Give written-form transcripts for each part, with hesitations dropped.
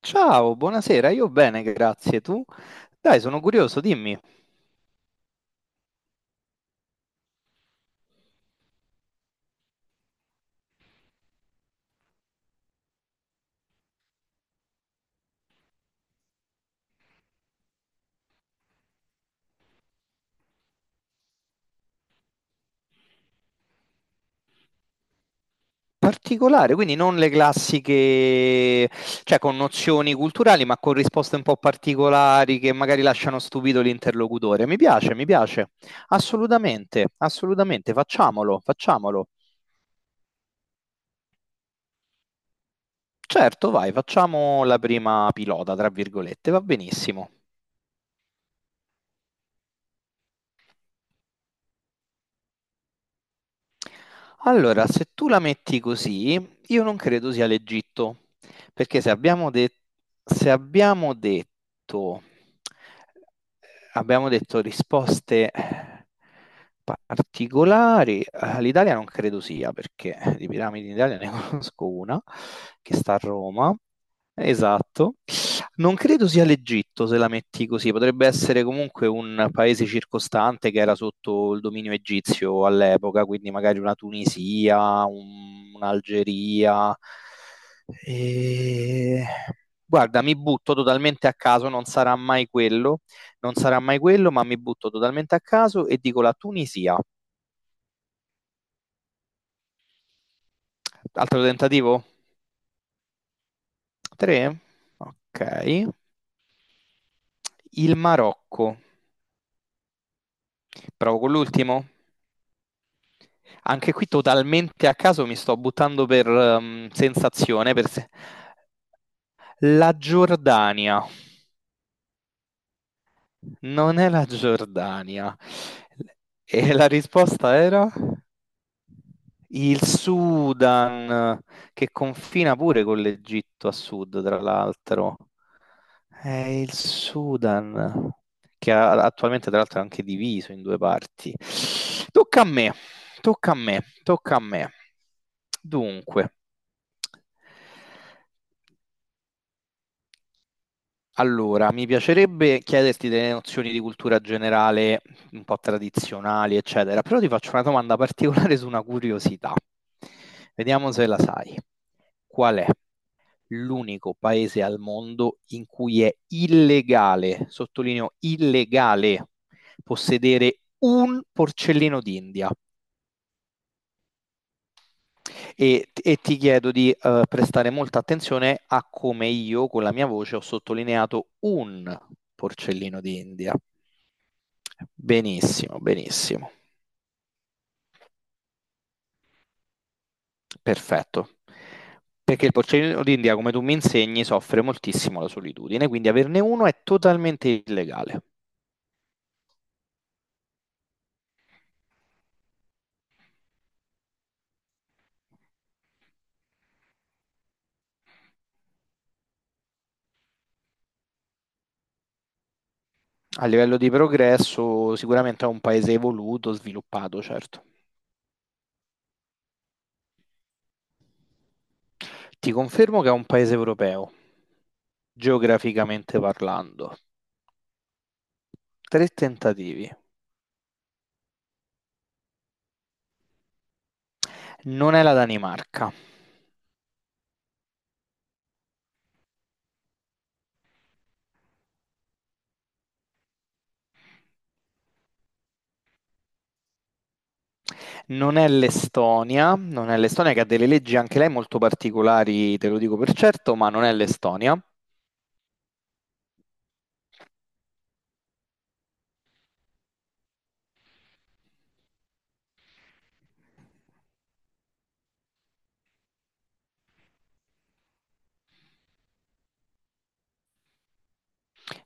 Ciao, buonasera, io bene, grazie. Tu? Dai, sono curioso, dimmi. Particolare, quindi non le classiche, cioè con nozioni culturali, ma con risposte un po' particolari che magari lasciano stupito l'interlocutore. Mi piace, mi piace. Assolutamente, assolutamente, facciamolo, facciamolo. Certo, vai, facciamo la prima pilota, tra virgolette, va benissimo. Allora, se tu la metti così, io non credo sia l'Egitto, perché se abbiamo detto risposte particolari, l'Italia non credo sia, perché di piramidi in Italia ne conosco una, che sta a Roma. Esatto. Non credo sia l'Egitto se la metti così, potrebbe essere comunque un paese circostante che era sotto il dominio egizio all'epoca, quindi magari una Tunisia, un'Algeria. E... Guarda, mi butto totalmente a caso, non sarà mai quello, non sarà mai quello, ma mi butto totalmente a caso e dico la Tunisia. Altro tentativo? Tre? Ok. Il Marocco. Provo con l'ultimo. Anche qui totalmente a caso mi sto buttando per sensazione. Per se- La Giordania. Non è la Giordania. E la risposta era? Il Sudan, che confina pure con l'Egitto a sud, tra l'altro. È il Sudan, che attualmente tra l'altro è anche diviso in due parti. Tocca a me, tocca a me, tocca a me. Dunque, allora, mi piacerebbe chiederti delle nozioni di cultura generale, un po' tradizionali, eccetera, però ti faccio una domanda particolare su una curiosità. Vediamo se la sai. Qual è l'unico paese al mondo in cui è illegale, sottolineo illegale, possedere un porcellino d'India? E ti chiedo di prestare molta attenzione a come io con la mia voce ho sottolineato un porcellino d'India. Benissimo, benissimo, perfetto. Perché il porcellino d'India, come tu mi insegni, soffre moltissimo la solitudine, quindi averne uno è totalmente illegale. A livello di progresso, sicuramente è un paese evoluto, sviluppato, certo. Ti confermo che è un paese europeo, geograficamente parlando. Tre tentativi. Non è la Danimarca, non è l'Estonia, non è l'Estonia che ha delle leggi anche lei molto particolari, te lo dico per certo, ma non è l'Estonia.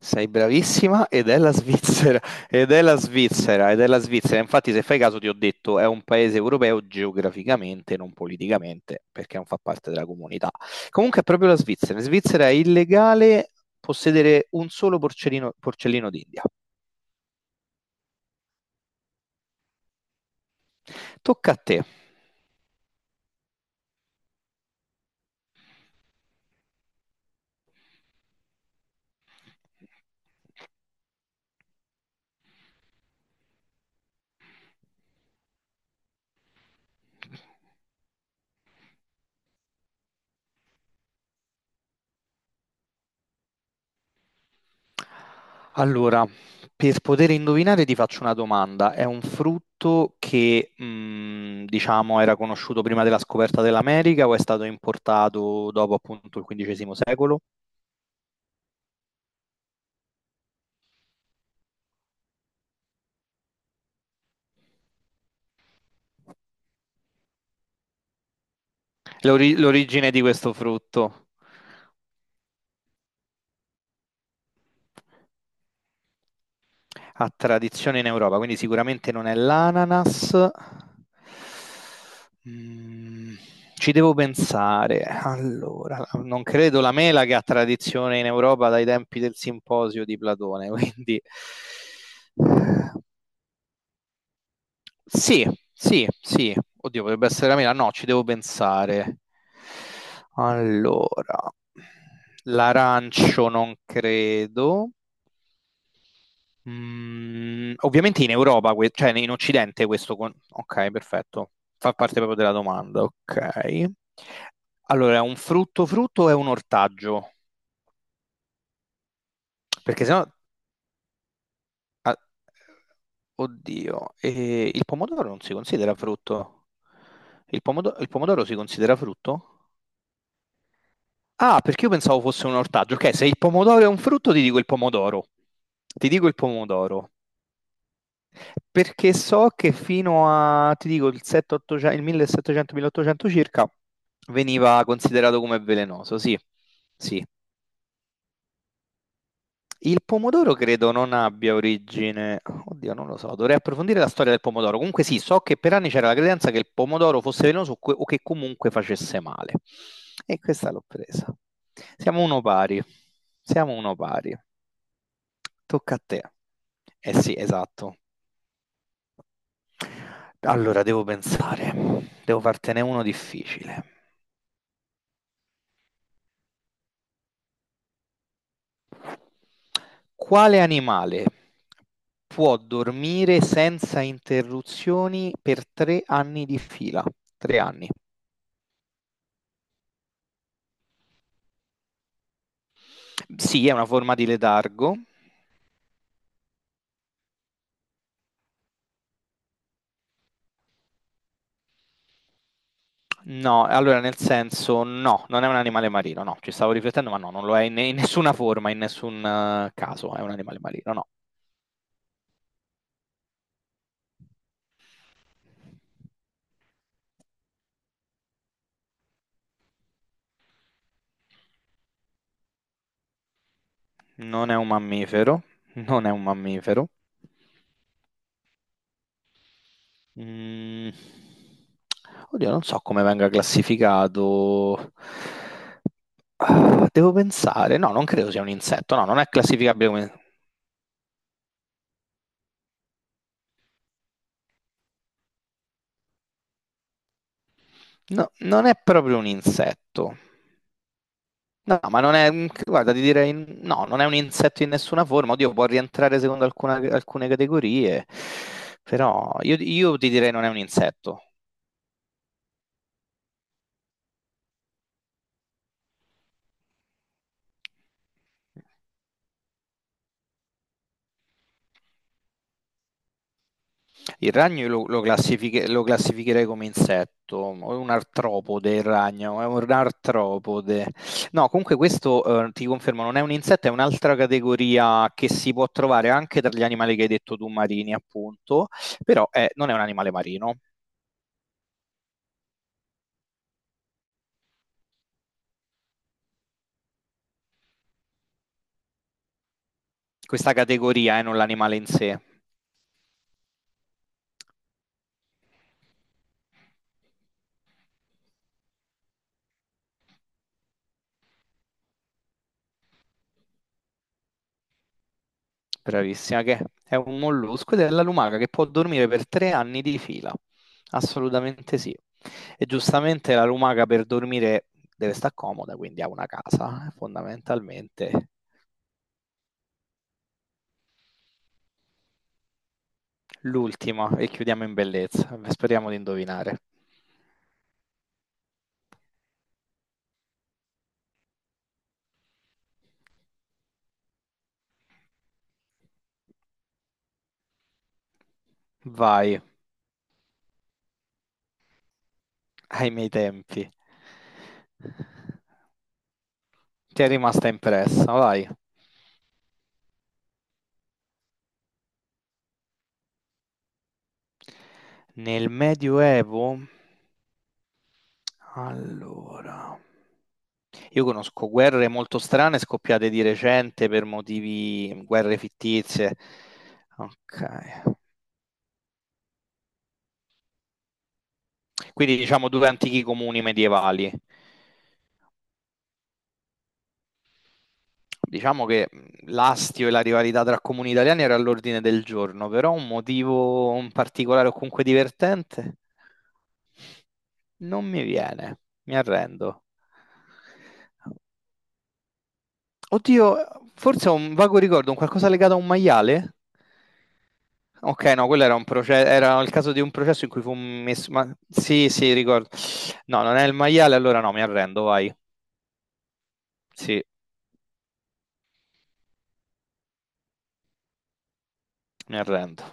Sei bravissima ed è la Svizzera, ed è la Svizzera, ed è la Svizzera. Infatti, se fai caso, ti ho detto, è un paese europeo geograficamente, non politicamente, perché non fa parte della comunità. Comunque è proprio la Svizzera. In Svizzera è illegale possedere un solo porcellino, porcellino d'India. Tocca a te. Allora, per poter indovinare ti faccio una domanda. È un frutto che, diciamo, era conosciuto prima della scoperta dell'America o è stato importato dopo appunto il XV secolo? L'origine di questo frutto? Ha tradizione in Europa, quindi sicuramente non è l'ananas. Mm, ci devo pensare. Allora, non credo la mela che ha tradizione in Europa dai tempi del simposio di Platone, quindi sì, sì, sì. Oddio, potrebbe essere la mela. No, ci devo pensare. Allora, l'arancio non credo. Ovviamente in Europa, cioè in Occidente questo. Ok, perfetto. Fa parte proprio della domanda, ok. Allora, è un frutto frutto o è un ortaggio? Perché sennò, ah, oddio, il pomodoro non si considera frutto. Il pomodoro si considera frutto? Ah, perché io pensavo fosse un ortaggio. Ok, se il pomodoro è un frutto, ti dico il pomodoro. Ti dico il pomodoro. Perché so che fino a, ti dico, il 700 il 1700-1800 circa veniva considerato come velenoso, sì. Sì. Il pomodoro credo non abbia origine, oddio, non lo so, dovrei approfondire la storia del pomodoro. Comunque sì, so che per anni c'era la credenza che il pomodoro fosse velenoso o che comunque facesse male. E questa l'ho presa. Siamo uno pari. Siamo uno pari. Tocca a te. Eh sì, esatto. Allora, devo pensare, devo fartene uno difficile. Quale animale può dormire senza interruzioni per 3 anni di fila? 3 anni. Sì, è una forma di letargo. No, allora nel senso, no, non è un animale marino, no, ci stavo riflettendo, ma no, non lo è in nessuna forma, in nessun caso, è un animale marino, no. Non è un mammifero, non è un mammifero. Mm. Oddio, non so come venga classificato. Ah, devo pensare. No, non credo sia un insetto. No, non è classificabile come. No, non è proprio un insetto. No, ma non è. Guarda, ti direi. No, non è un insetto in nessuna forma. Oddio, può rientrare secondo alcune categorie. Però io ti direi non è un insetto. Il ragno io lo classificherei come insetto, o un artropode il ragno, è un artropode. No, comunque questo ti confermo, non è un insetto, è un'altra categoria che si può trovare anche tra gli animali che hai detto tu, marini, appunto, però non è un animale marino. Questa categoria è non l'animale in sé. Bravissima, che è un mollusco ed è la lumaca che può dormire per 3 anni di fila. Assolutamente sì. E giustamente la lumaca per dormire deve stare comoda, quindi ha una casa, fondamentalmente. L'ultima, e chiudiamo in bellezza. Speriamo di indovinare. Vai, ai miei tempi. Ti è rimasta impressa, vai. Nel Medioevo? Allora. Io conosco guerre molto strane scoppiate di recente per motivi, guerre fittizie. Ok. Quindi diciamo due antichi comuni medievali. Diciamo che l'astio e la rivalità tra comuni italiani era all'ordine del giorno, però un motivo in particolare o comunque divertente non mi viene, mi arrendo. Oddio, forse ho un vago ricordo, un qualcosa legato a un maiale? Ok, no, quello era un processo, era il caso di un processo in cui fu messo, ma sì, sì, ricordo. No, non è il maiale, allora no, mi arrendo, vai. Sì, mi arrendo.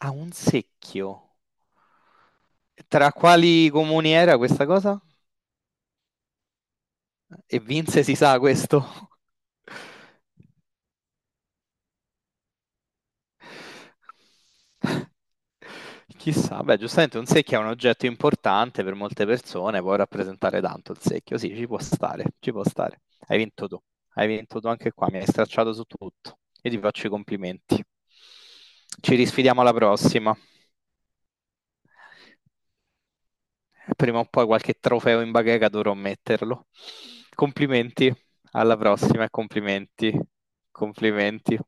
Ha un secchio. Tra quali comuni era questa cosa? E Vince si sa questo? Chissà, beh, giustamente un secchio è un oggetto importante per molte persone, può rappresentare tanto il secchio, sì, ci può stare, ci può stare. Hai vinto tu, hai vinto tu anche qua, mi hai stracciato su tutto. Io ti faccio i complimenti. Ci risfidiamo alla prossima. Prima o poi qualche trofeo in bacheca dovrò metterlo. Complimenti, alla prossima e complimenti, complimenti.